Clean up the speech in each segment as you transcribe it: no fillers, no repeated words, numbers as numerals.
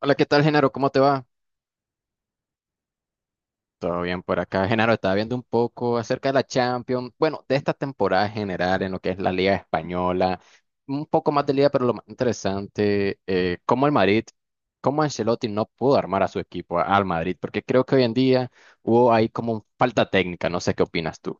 Hola, ¿qué tal, Genaro? ¿Cómo te va? Todo bien por acá. Genaro, estaba viendo un poco acerca de la Champions, bueno, de esta temporada en general en lo que es la Liga Española, un poco más de Liga, pero lo más interesante, cómo el Madrid, cómo Ancelotti no pudo armar a su equipo, al Madrid, porque creo que hoy en día hubo ahí como un falta técnica, no sé qué opinas tú.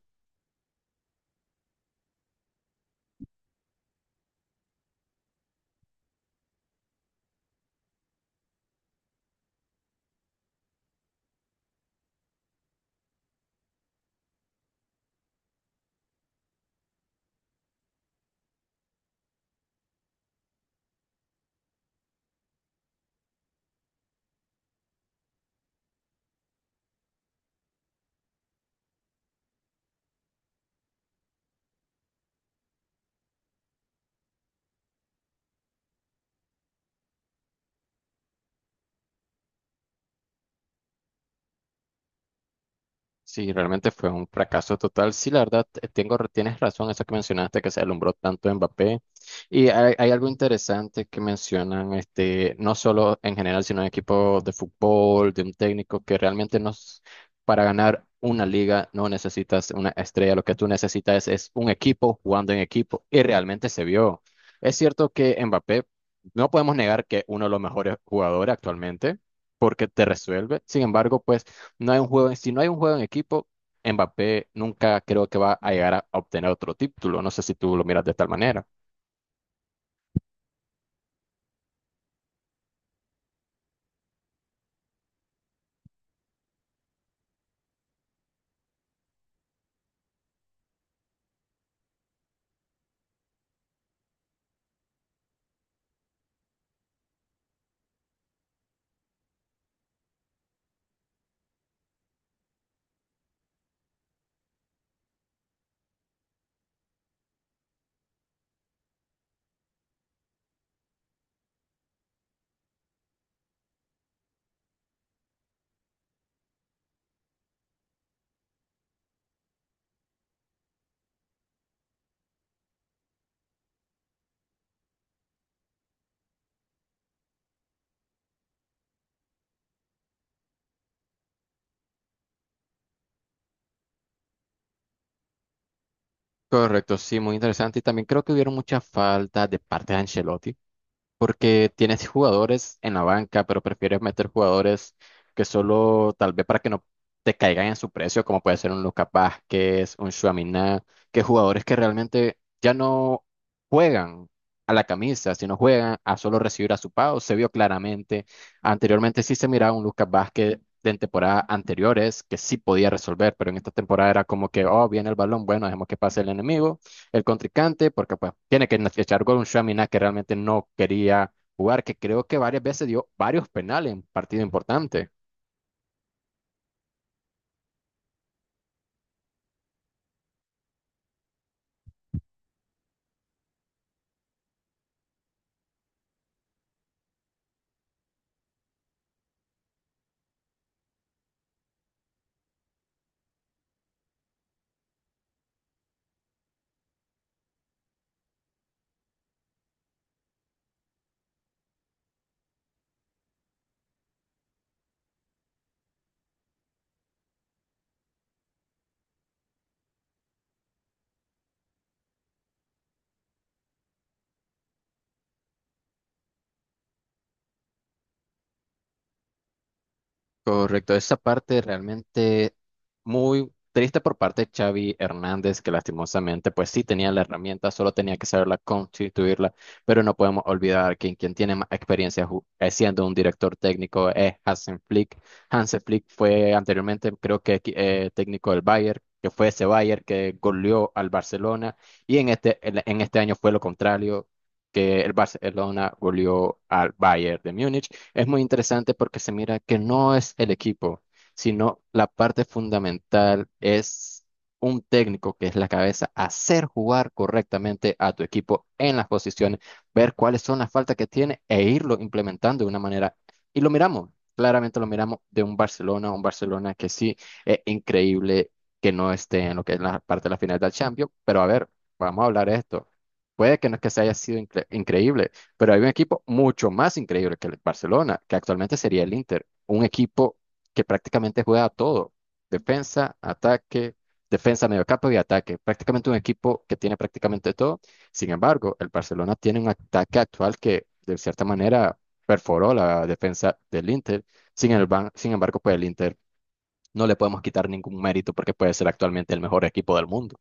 Sí, realmente fue un fracaso total. Sí, la verdad, tengo, tienes razón, eso que mencionaste, que se alumbró tanto Mbappé. Y hay algo interesante que mencionan, este, no solo en general, sino en equipos de fútbol, de un técnico que realmente nos, para ganar una liga no necesitas una estrella, lo que tú necesitas es un equipo jugando en equipo. Y realmente se vio. Es cierto que Mbappé, no podemos negar que uno de los mejores jugadores actualmente, porque te resuelve. Sin embargo, pues no hay un juego, si no hay un juego en equipo, Mbappé nunca creo que va a llegar a obtener otro título. No sé si tú lo miras de tal manera. Correcto, sí, muy interesante. Y también creo que hubieron muchas faltas de parte de Ancelotti, porque tienes jugadores en la banca, pero prefieres meter jugadores que solo tal vez para que no te caigan en su precio, como puede ser un Lucas Vázquez, un Tchouaméni, que jugadores que realmente ya no juegan a la camisa, sino juegan a solo recibir a su pago. Se vio claramente. Anteriormente sí se miraba un Lucas Vázquez de temporadas anteriores que sí podía resolver, pero en esta temporada era como que, oh, viene el balón, bueno, dejemos que pase el enemigo, el contrincante, porque pues tiene que echar gol un Shamina que realmente no quería jugar, que creo que varias veces dio varios penales en partido importante. Correcto, esa parte realmente muy triste por parte de Xavi Hernández, que lastimosamente, pues sí tenía la herramienta, solo tenía que saberla constituirla, pero no podemos olvidar que quien tiene más experiencia siendo un director técnico es Hansen Flick. Hansen Flick fue anteriormente, creo que técnico del Bayern, que fue ese Bayern que goleó al Barcelona, y en este, en este año fue lo contrario, que el Barcelona goleó al Bayern de Múnich. Es muy interesante porque se mira que no es el equipo, sino la parte fundamental es un técnico que es la cabeza, hacer jugar correctamente a tu equipo en las posiciones, ver cuáles son las faltas que tiene e irlo implementando de una manera. Y lo miramos, claramente lo miramos de un Barcelona que sí es increíble que no esté en lo que es la parte de la final del Champions, pero a ver, vamos a hablar de esto. Puede que no es que se haya sido increíble. Pero hay un equipo mucho más increíble que el Barcelona, que actualmente sería el Inter, un equipo que prácticamente juega a todo, defensa, ataque, defensa, mediocampo y ataque, prácticamente un equipo que tiene prácticamente todo. Sin embargo, el Barcelona tiene un ataque actual que de cierta manera perforó la defensa del Inter. Sin embargo, pues el Inter no le podemos quitar ningún mérito porque puede ser actualmente el mejor equipo del mundo.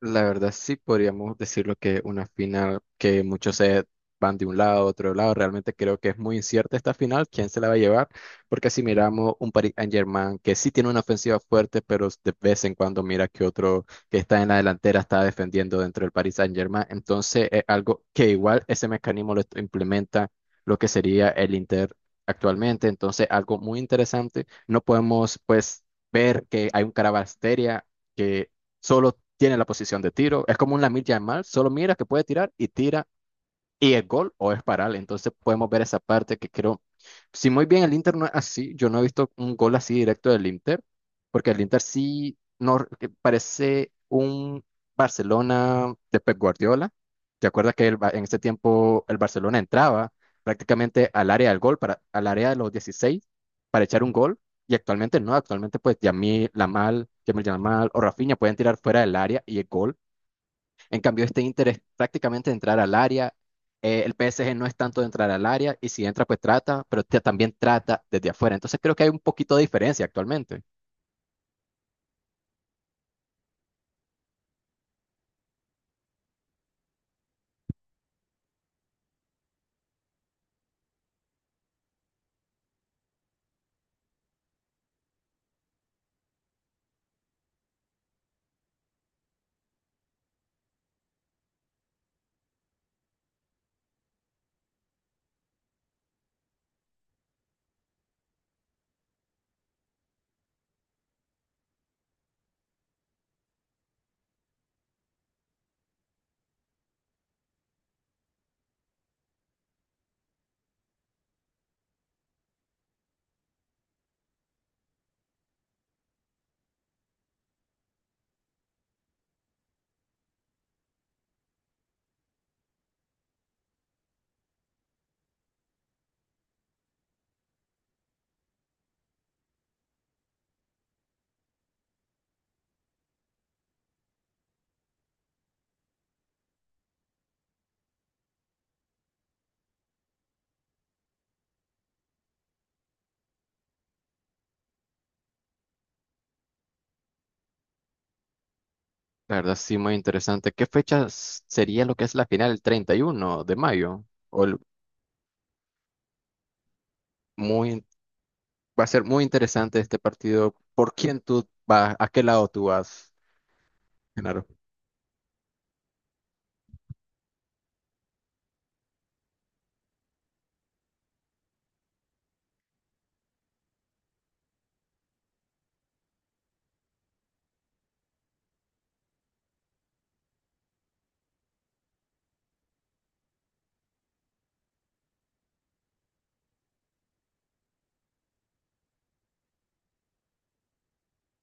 La verdad sí podríamos decirlo que una final que muchos se van de un lado a otro lado, realmente creo que es muy incierta esta final, quién se la va a llevar, porque si miramos un Paris Saint-Germain que sí tiene una ofensiva fuerte, pero de vez en cuando mira que otro que está en la delantera está defendiendo dentro del Paris Saint-Germain, entonces es algo que igual ese mecanismo lo implementa lo que sería el Inter actualmente, entonces algo muy interesante, no podemos pues ver que hay un Caravasteria solo tiene la posición de tiro. Es como un Lamine Yamal, solo mira que puede tirar y tira y es gol o es paral. Entonces podemos ver esa parte que creo, si muy bien el Inter no es así, yo no he visto un gol así directo del Inter, porque el Inter sí no, que parece un Barcelona de Pep Guardiola. ¿Te acuerdas que en ese tiempo el Barcelona entraba prácticamente al área del gol, para, al área de los 16 para echar un gol? Y actualmente no, actualmente pues Yamil Lamal, Yamil Lamal o Rafinha pueden tirar fuera del área y el gol. En cambio, este Inter es prácticamente entrar al área. El PSG no es tanto de entrar al área y si entra, pues trata, pero también trata desde afuera. Entonces creo que hay un poquito de diferencia actualmente. La verdad, sí, muy interesante. ¿Qué fecha sería lo que es la final? ¿El 31 de mayo? O el- Muy, va a ser muy interesante este partido. ¿Por quién tú vas? ¿A qué lado tú vas, Genaro?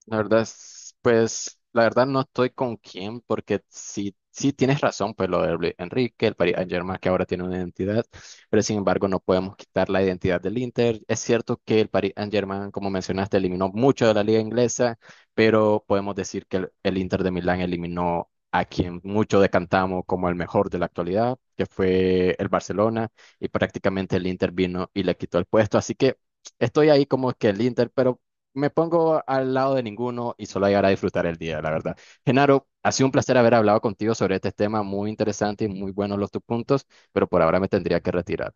La verdad es, pues, la verdad no estoy con quién, porque sí, sí tienes razón, pues lo de Luis Enrique, el Paris Saint-Germain que ahora tiene una identidad, pero sin embargo no podemos quitar la identidad del Inter. Es cierto que el Paris Saint-Germain, como mencionaste, eliminó mucho de la liga inglesa, pero podemos decir que el Inter de Milán eliminó a quien mucho decantamos como el mejor de la actualidad, que fue el Barcelona, y prácticamente el Inter vino y le quitó el puesto. Así que estoy ahí como que el Inter, pero me pongo al lado de ninguno y solo llegar a disfrutar el día, la verdad. Genaro, ha sido un placer haber hablado contigo sobre este tema muy interesante y muy buenos los tus puntos, pero por ahora me tendría que retirar.